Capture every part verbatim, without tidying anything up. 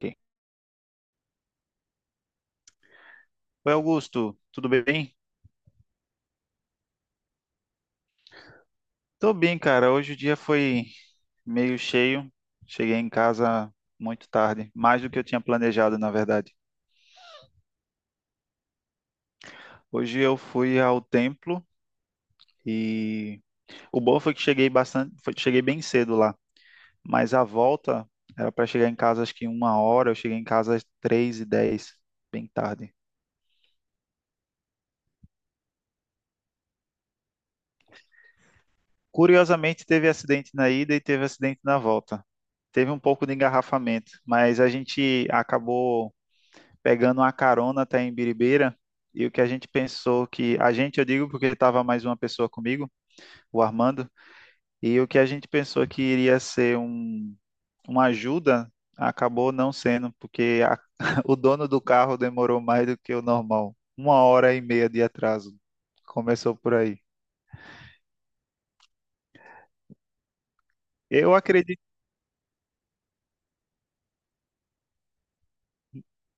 Ok. Oi, Augusto, tudo bem? Tô bem, cara. Hoje o dia foi meio cheio. Cheguei em casa muito tarde, mais do que eu tinha planejado, na verdade. Hoje eu fui ao templo e o bom foi que cheguei bastante, foi- cheguei bem cedo lá. Mas a volta era para chegar em casa acho que uma hora. Eu cheguei em casa às três e dez, bem tarde. Curiosamente, teve acidente na ida e teve acidente na volta. Teve um pouco de engarrafamento, mas a gente acabou pegando uma carona até em Biribeira. E o que a gente pensou que. A gente, eu digo porque estava mais uma pessoa comigo, o Armando, e o que a gente pensou que iria ser um, uma ajuda, acabou não sendo, porque a- o dono do carro demorou mais do que o normal. Uma hora e meia de atraso. Começou por aí. Eu acredito.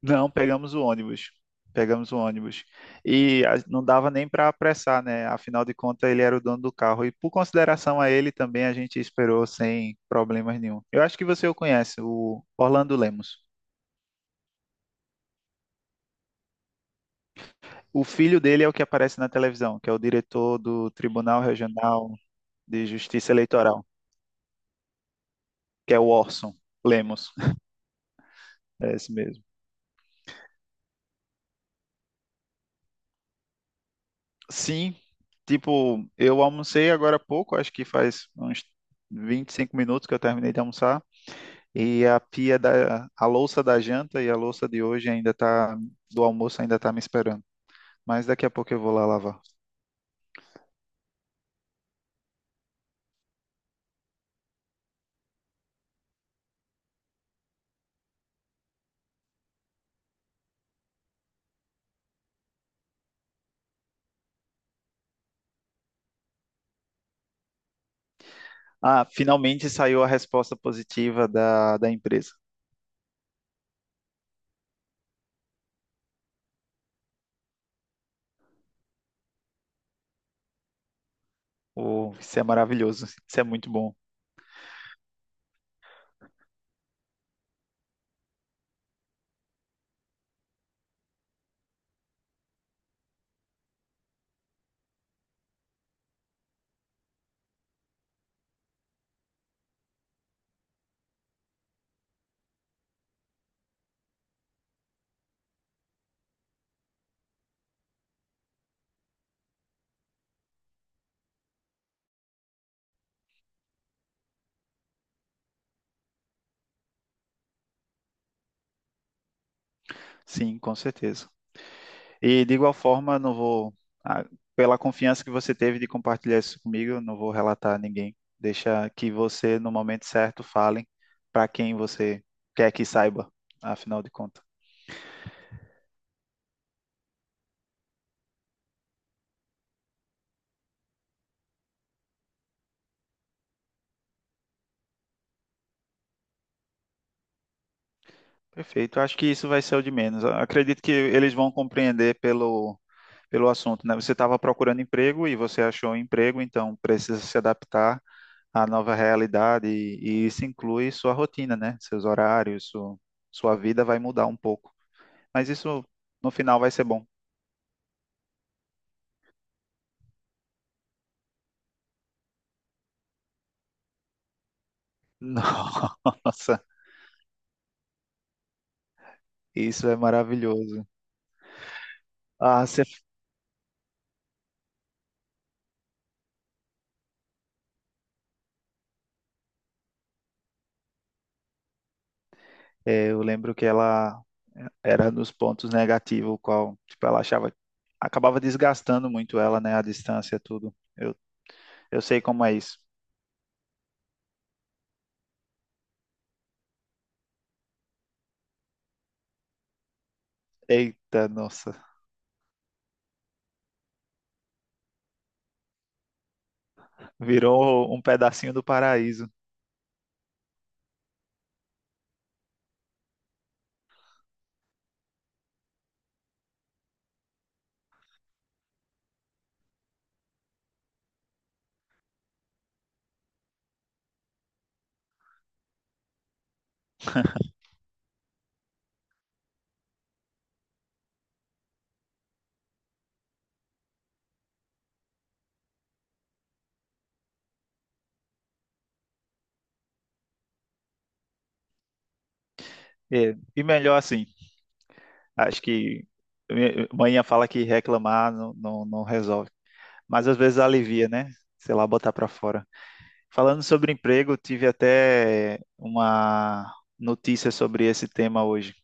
Não, pegamos o ônibus. Pegamos o ônibus. E a- não dava nem para apressar, né? Afinal de contas, ele era o dono do carro. E por consideração a ele também, a gente esperou sem problemas nenhum. Eu acho que você o conhece, o Orlando Lemos. O filho dele é o que aparece na televisão, que é o diretor do Tribunal Regional de Justiça Eleitoral, que é o Orson Lemos. É esse mesmo. Sim, tipo, eu almocei agora há pouco, acho que faz uns vinte e cinco minutos que eu terminei de almoçar. E a pia da, a louça da janta e a louça de hoje ainda tá, do almoço ainda tá me esperando. Mas daqui a pouco eu vou lá lavar. Ah, finalmente saiu a resposta positiva da, da empresa. Oh, isso é maravilhoso, isso é muito bom. Sim, com certeza. E de igual forma, não vou, ah, pela confiança que você teve de compartilhar isso comigo, eu não vou relatar a ninguém. Deixa que você, no momento certo, fale para quem você quer que saiba, afinal de contas. Perfeito. Acho que isso vai ser o de menos. Acredito que eles vão compreender pelo, pelo assunto, né? Você estava procurando emprego e você achou um emprego, então precisa se adaptar à nova realidade e, e isso inclui sua rotina, né? Seus horários, su- sua vida vai mudar um pouco. Mas isso no final vai ser bom. Nossa, isso é maravilhoso. Ah, é, eu lembro que ela eh, era dos pontos negativos, qual, tipo, ela achava, acabava desgastando muito ela, né, a distância, tudo. Eu, eu sei como é isso. Eita, nossa, virou um pedacinho do paraíso. É, e melhor assim, acho que minha- manhã fala que reclamar não, não, não resolve, mas às vezes alivia, né? Sei lá, botar pra fora. Falando sobre emprego, tive até uma notícia sobre esse tema hoje.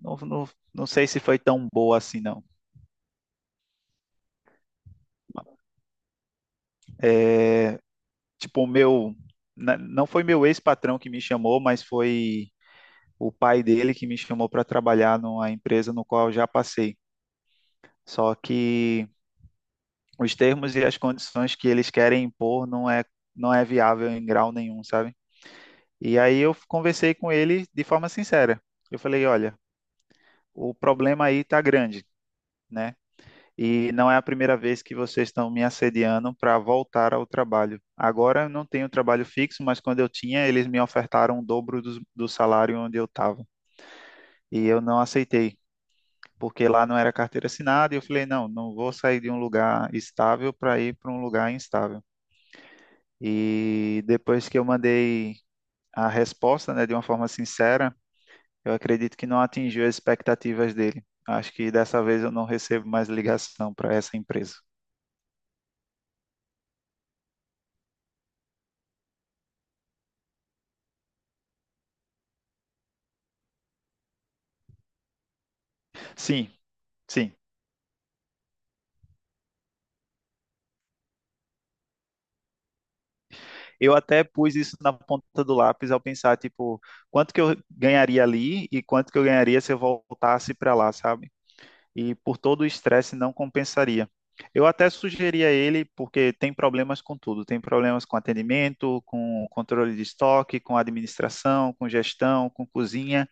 Não, não, não sei se foi tão boa assim, não. É, tipo, o meu. na- Não foi meu ex-patrão que me chamou, mas foi o pai dele que me chamou para trabalhar numa empresa no qual eu já passei. Só que os termos e as condições que eles querem impor não é, não é viável em grau nenhum, sabe? E aí eu conversei com ele de forma sincera. Eu falei, olha, o problema aí tá grande, né? E não é a primeira vez que vocês estão me assediando para voltar ao trabalho. Agora eu não tenho trabalho fixo, mas quando eu tinha, eles me ofertaram o dobro do, do salário onde eu estava. E eu não aceitei, porque lá não era carteira assinada. E eu falei: não, não vou sair de um lugar estável para ir para um lugar instável. E depois que eu mandei a resposta, né, de uma forma sincera, eu acredito que não atingiu as expectativas dele. Acho que dessa vez eu não recebo mais ligação para essa empresa. Sim, sim. Eu até pus isso na ponta do lápis ao pensar, tipo, quanto que eu ganharia ali e quanto que eu ganharia se eu voltasse para lá, sabe? E por todo o estresse não compensaria. Eu até sugeri a ele, porque tem problemas com tudo, tem problemas com atendimento, com controle de estoque, com administração, com gestão, com cozinha.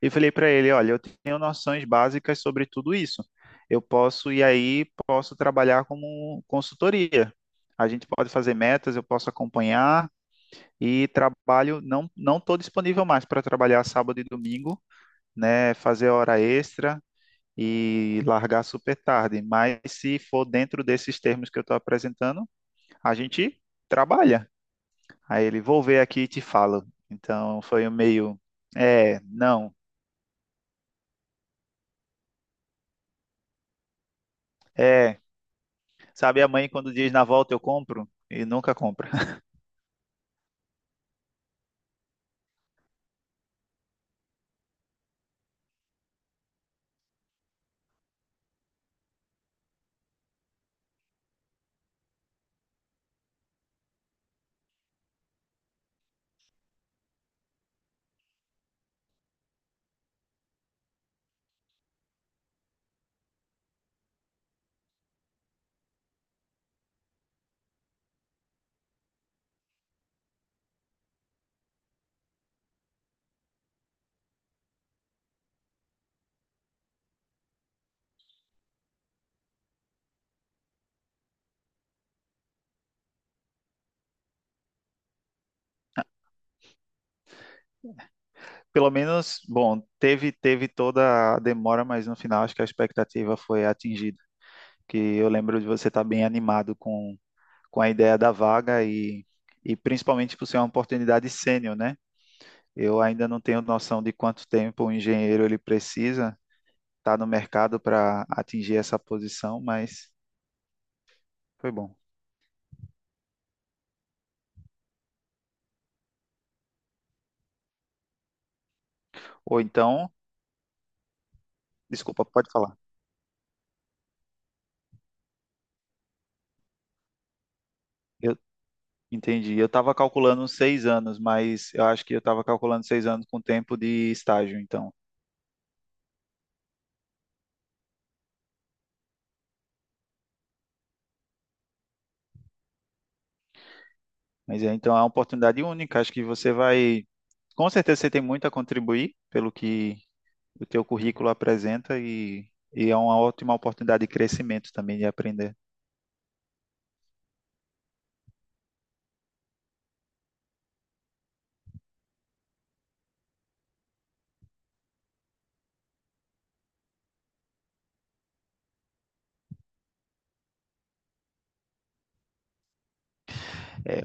E falei para ele, olha, eu tenho noções básicas sobre tudo isso. Eu posso e aí posso trabalhar como consultoria. A gente pode fazer metas, eu posso acompanhar e trabalho, não não estou disponível mais para trabalhar sábado e domingo, né? Fazer hora extra e largar super tarde. Mas se for dentro desses termos que eu estou apresentando, a gente trabalha. Aí ele, vou ver aqui e te falo. Então foi um meio, é, não, é. Sabe a mãe quando diz na volta eu compro? E nunca compra. Pelo menos, bom, teve teve toda a demora, mas no final acho que a expectativa foi atingida. Que eu lembro de você estar bem animado com com a ideia da vaga e, e principalmente por ser uma oportunidade sênior, né? Eu ainda não tenho noção de quanto tempo um engenheiro ele precisa estar no mercado para atingir essa posição, mas foi bom. Ou então, desculpa, pode falar. Eu entendi. Eu estava calculando uns seis anos, mas eu acho que eu estava calculando seis anos com tempo de estágio, então. Mas é, então é uma oportunidade única. Acho que você vai, com certeza você tem muito a contribuir pelo que o teu currículo apresenta e, e é uma ótima oportunidade de crescimento também, de aprender. É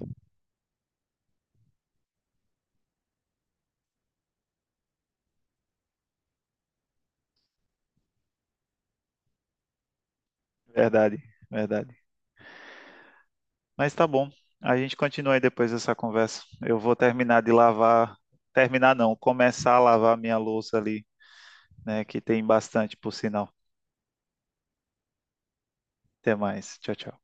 verdade, verdade. Mas tá bom, a gente continua aí depois dessa conversa. Eu vou terminar de lavar, terminar não, começar a lavar minha louça ali, né, que tem bastante, por sinal. Até mais, tchau, tchau.